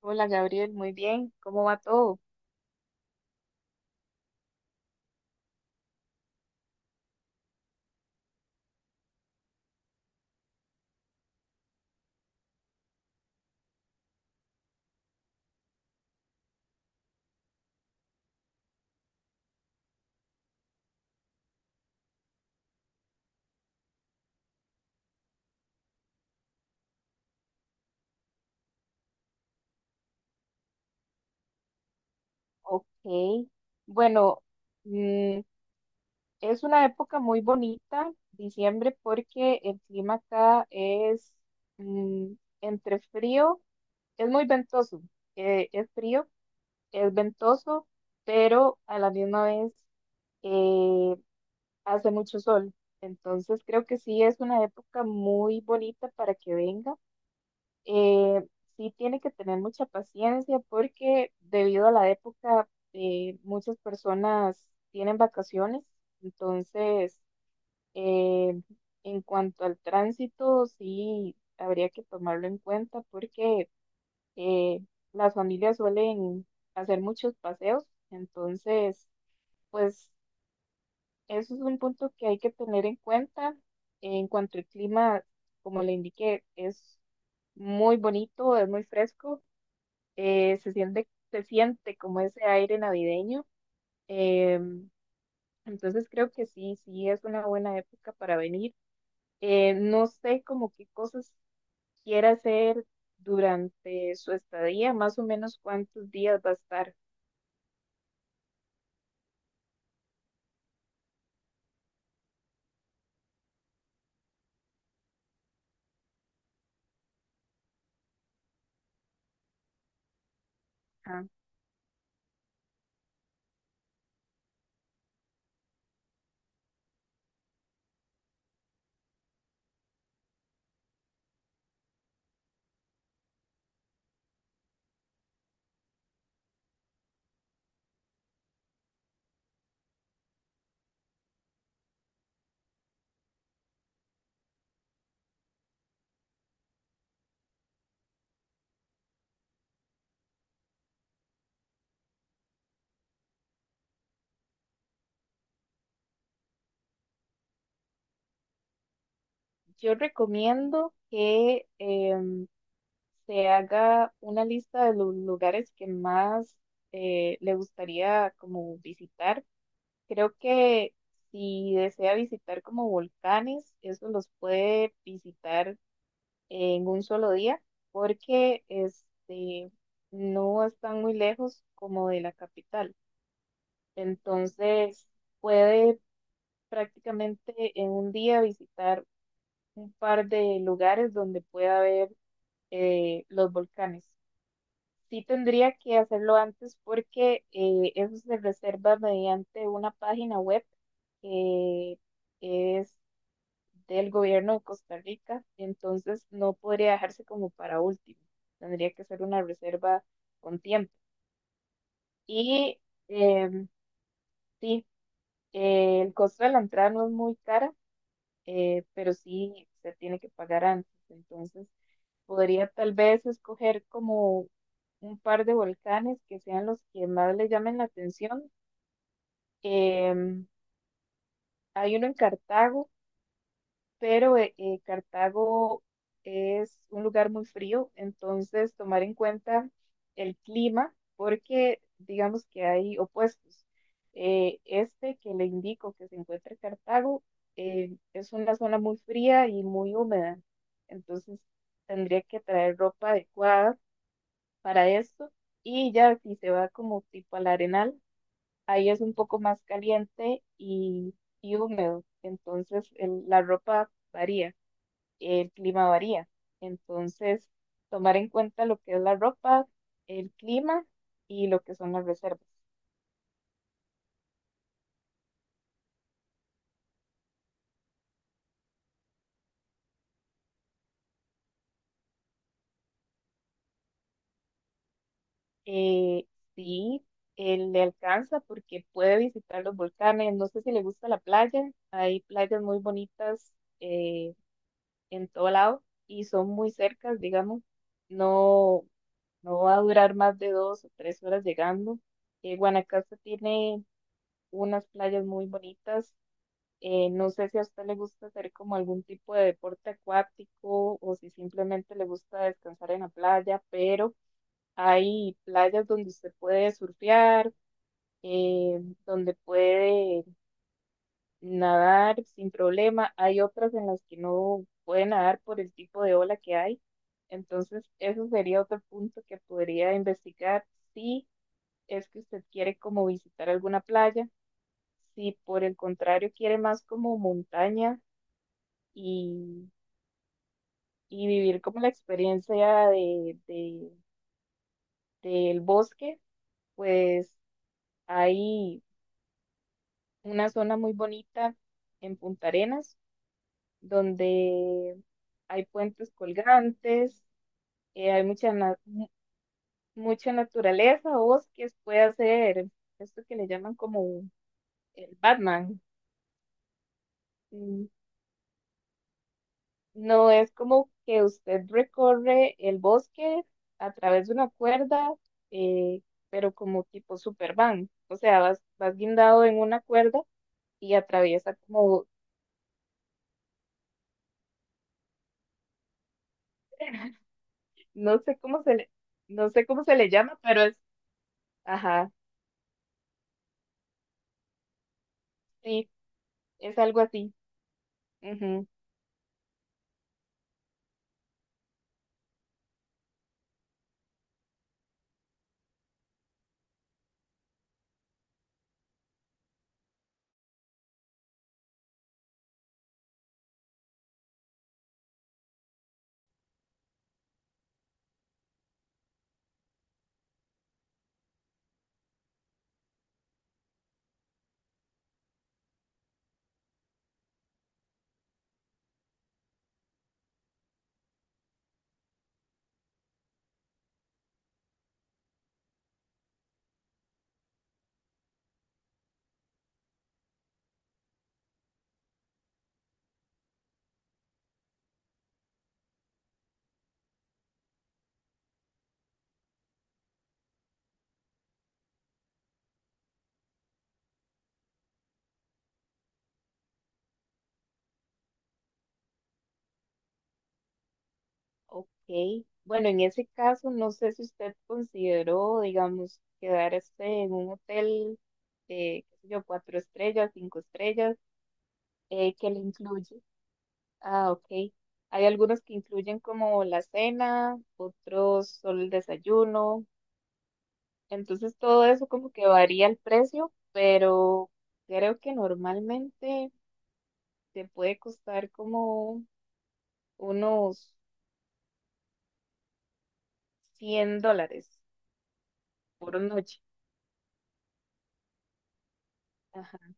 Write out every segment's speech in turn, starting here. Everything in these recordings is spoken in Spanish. Hola Gabriel, muy bien, ¿cómo va todo? Ok, bueno, mm, es una época muy bonita, diciembre, porque el clima acá es mm, entre frío, es muy ventoso, es frío, es ventoso, pero a la misma vez eh, hace mucho sol, entonces creo que sí es una época muy bonita para que venga. eh, sí tiene que tener mucha paciencia porque debido a la época muchas personas tienen vacaciones, entonces eh, en cuanto al tránsito sí habría que tomarlo en cuenta porque eh, las familias suelen hacer muchos paseos, entonces pues eso es un punto que hay que tener en cuenta. En cuanto al clima, como le indiqué, es muy bonito, es muy fresco se siente como ese aire navideño. em, entonces creo que sí, sí es una buena época para venir. No sé como qué cosas quiera hacer durante su estadía, más o menos cuántos días va a estar. Ajá. Yo recomiendo que se haga una lista de los lugares que más le gustaría como visitar. Creo que si desea visitar como volcanes, eso los puede visitar en un solo día, porque no están muy lejos como de la capital. Entonces, puede prácticamente en un día visitar un par de lugares donde pueda ver los volcanes. Sí tendría que hacerlo antes porque eso se reserva mediante una página web que es del gobierno de Costa Rica, entonces no podría dejarse como para último, tendría que ser una reserva con tiempo. Y em, sí, el costo de la entrada no es muy cara, pero sí se tiene que pagar antes. Entonces, podría tal vez escoger como un par de volcanes que sean los que más le llamen la atención. Em, Hay uno en Cartago pero Cartago es un lugar muy frío, entonces tomar en cuenta el clima, porque digamos que hay opuestos. Este que le indico que se encuentra en Cartago es una zona muy fría y muy húmeda, entonces tendría que traer ropa adecuada para esto y ya si se va como tipo al Arenal, ahí es un poco más caliente y húmedo, entonces la ropa varía. El clima varía. Entonces, tomar en cuenta lo que es la ropa, el clima y lo que son las reservas. Eh, sí, él le alcanza porque puede visitar los volcanes. No sé si le gusta la playa. Hay playas muy bonitas eh, en todo lado y son muy cercas, digamos. No, no va a durar más de 2 o 3 horas llegando. Guanacaste tiene unas playas muy bonitas. No sé si a usted le gusta hacer como algún tipo de deporte acuático o si simplemente le gusta descansar en la playa, pero hay playas donde usted puede surfear, donde puede nadar sin problema. Hay otras en las que no puede nadar por el tipo de ola que hay. Entonces, eso sería otro punto que podría investigar si es que usted quiere como visitar alguna playa, si por el contrario quiere más como montaña y y vivir como la experiencia del bosque, pues hay una zona muy bonita en Punta Arenas, donde hay puentes colgantes, hay mucha, mucha naturaleza, bosques, puede hacer esto que le llaman como el Batman. mm, No, es como que usted recorre el bosque a través de una cuerda, eh, pero como tipo Superman. O sea, vas guindado en una cuerda y atraviesa como, no sé cómo se le, no sé cómo se le llama, pero es, ajá, sí, es algo así. Ujú. Ok. Bueno, en ese caso, no sé si usted consideró, digamos, quedarse en un hotel, qué sé yo, cuatro estrellas, cinco estrellas que le incluye. Ah, ok. Hay algunos que incluyen como la cena, otros solo el desayuno. Entonces todo eso como que varía el precio, pero creo que normalmente te puede costar como unos $100 por noche. Ajá.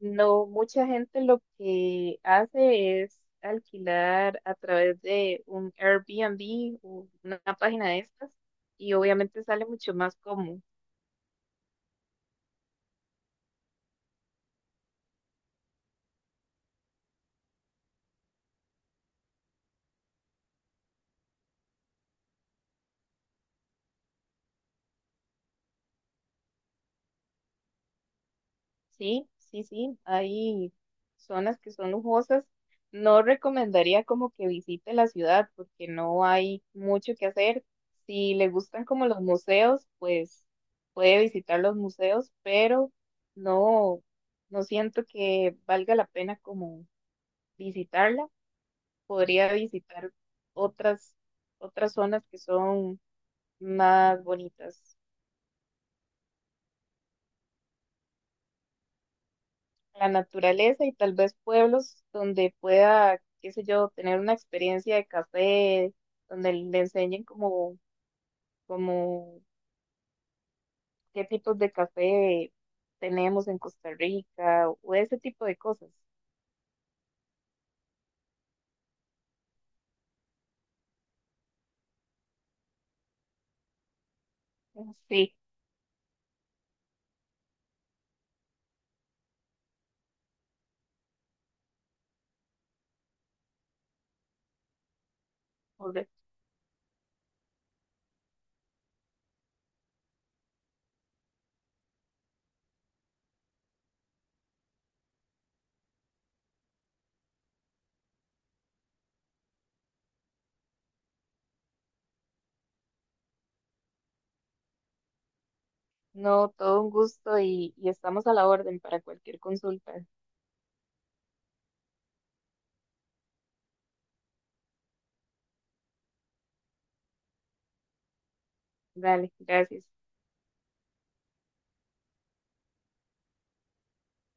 No, mucha gente lo que hace es alquilar a través de un Airbnb o una página de estas y obviamente sale mucho más cómodo. Sí, sí, sí, hay zonas que son lujosas. No recomendaría como que visite la ciudad porque no hay mucho que hacer. Si le gustan como los museos, pues puede visitar los museos, pero no, no siento que valga la pena como visitarla. Podría visitar otras, otras zonas que son más bonitas. La naturaleza y tal vez pueblos donde pueda, qué sé yo, tener una experiencia de café, donde le enseñen como, como qué tipos de café tenemos en Costa Rica o ese tipo de cosas. Sí, correcto. No, todo un gusto y estamos a la orden para cualquier consulta. Dale, gracias.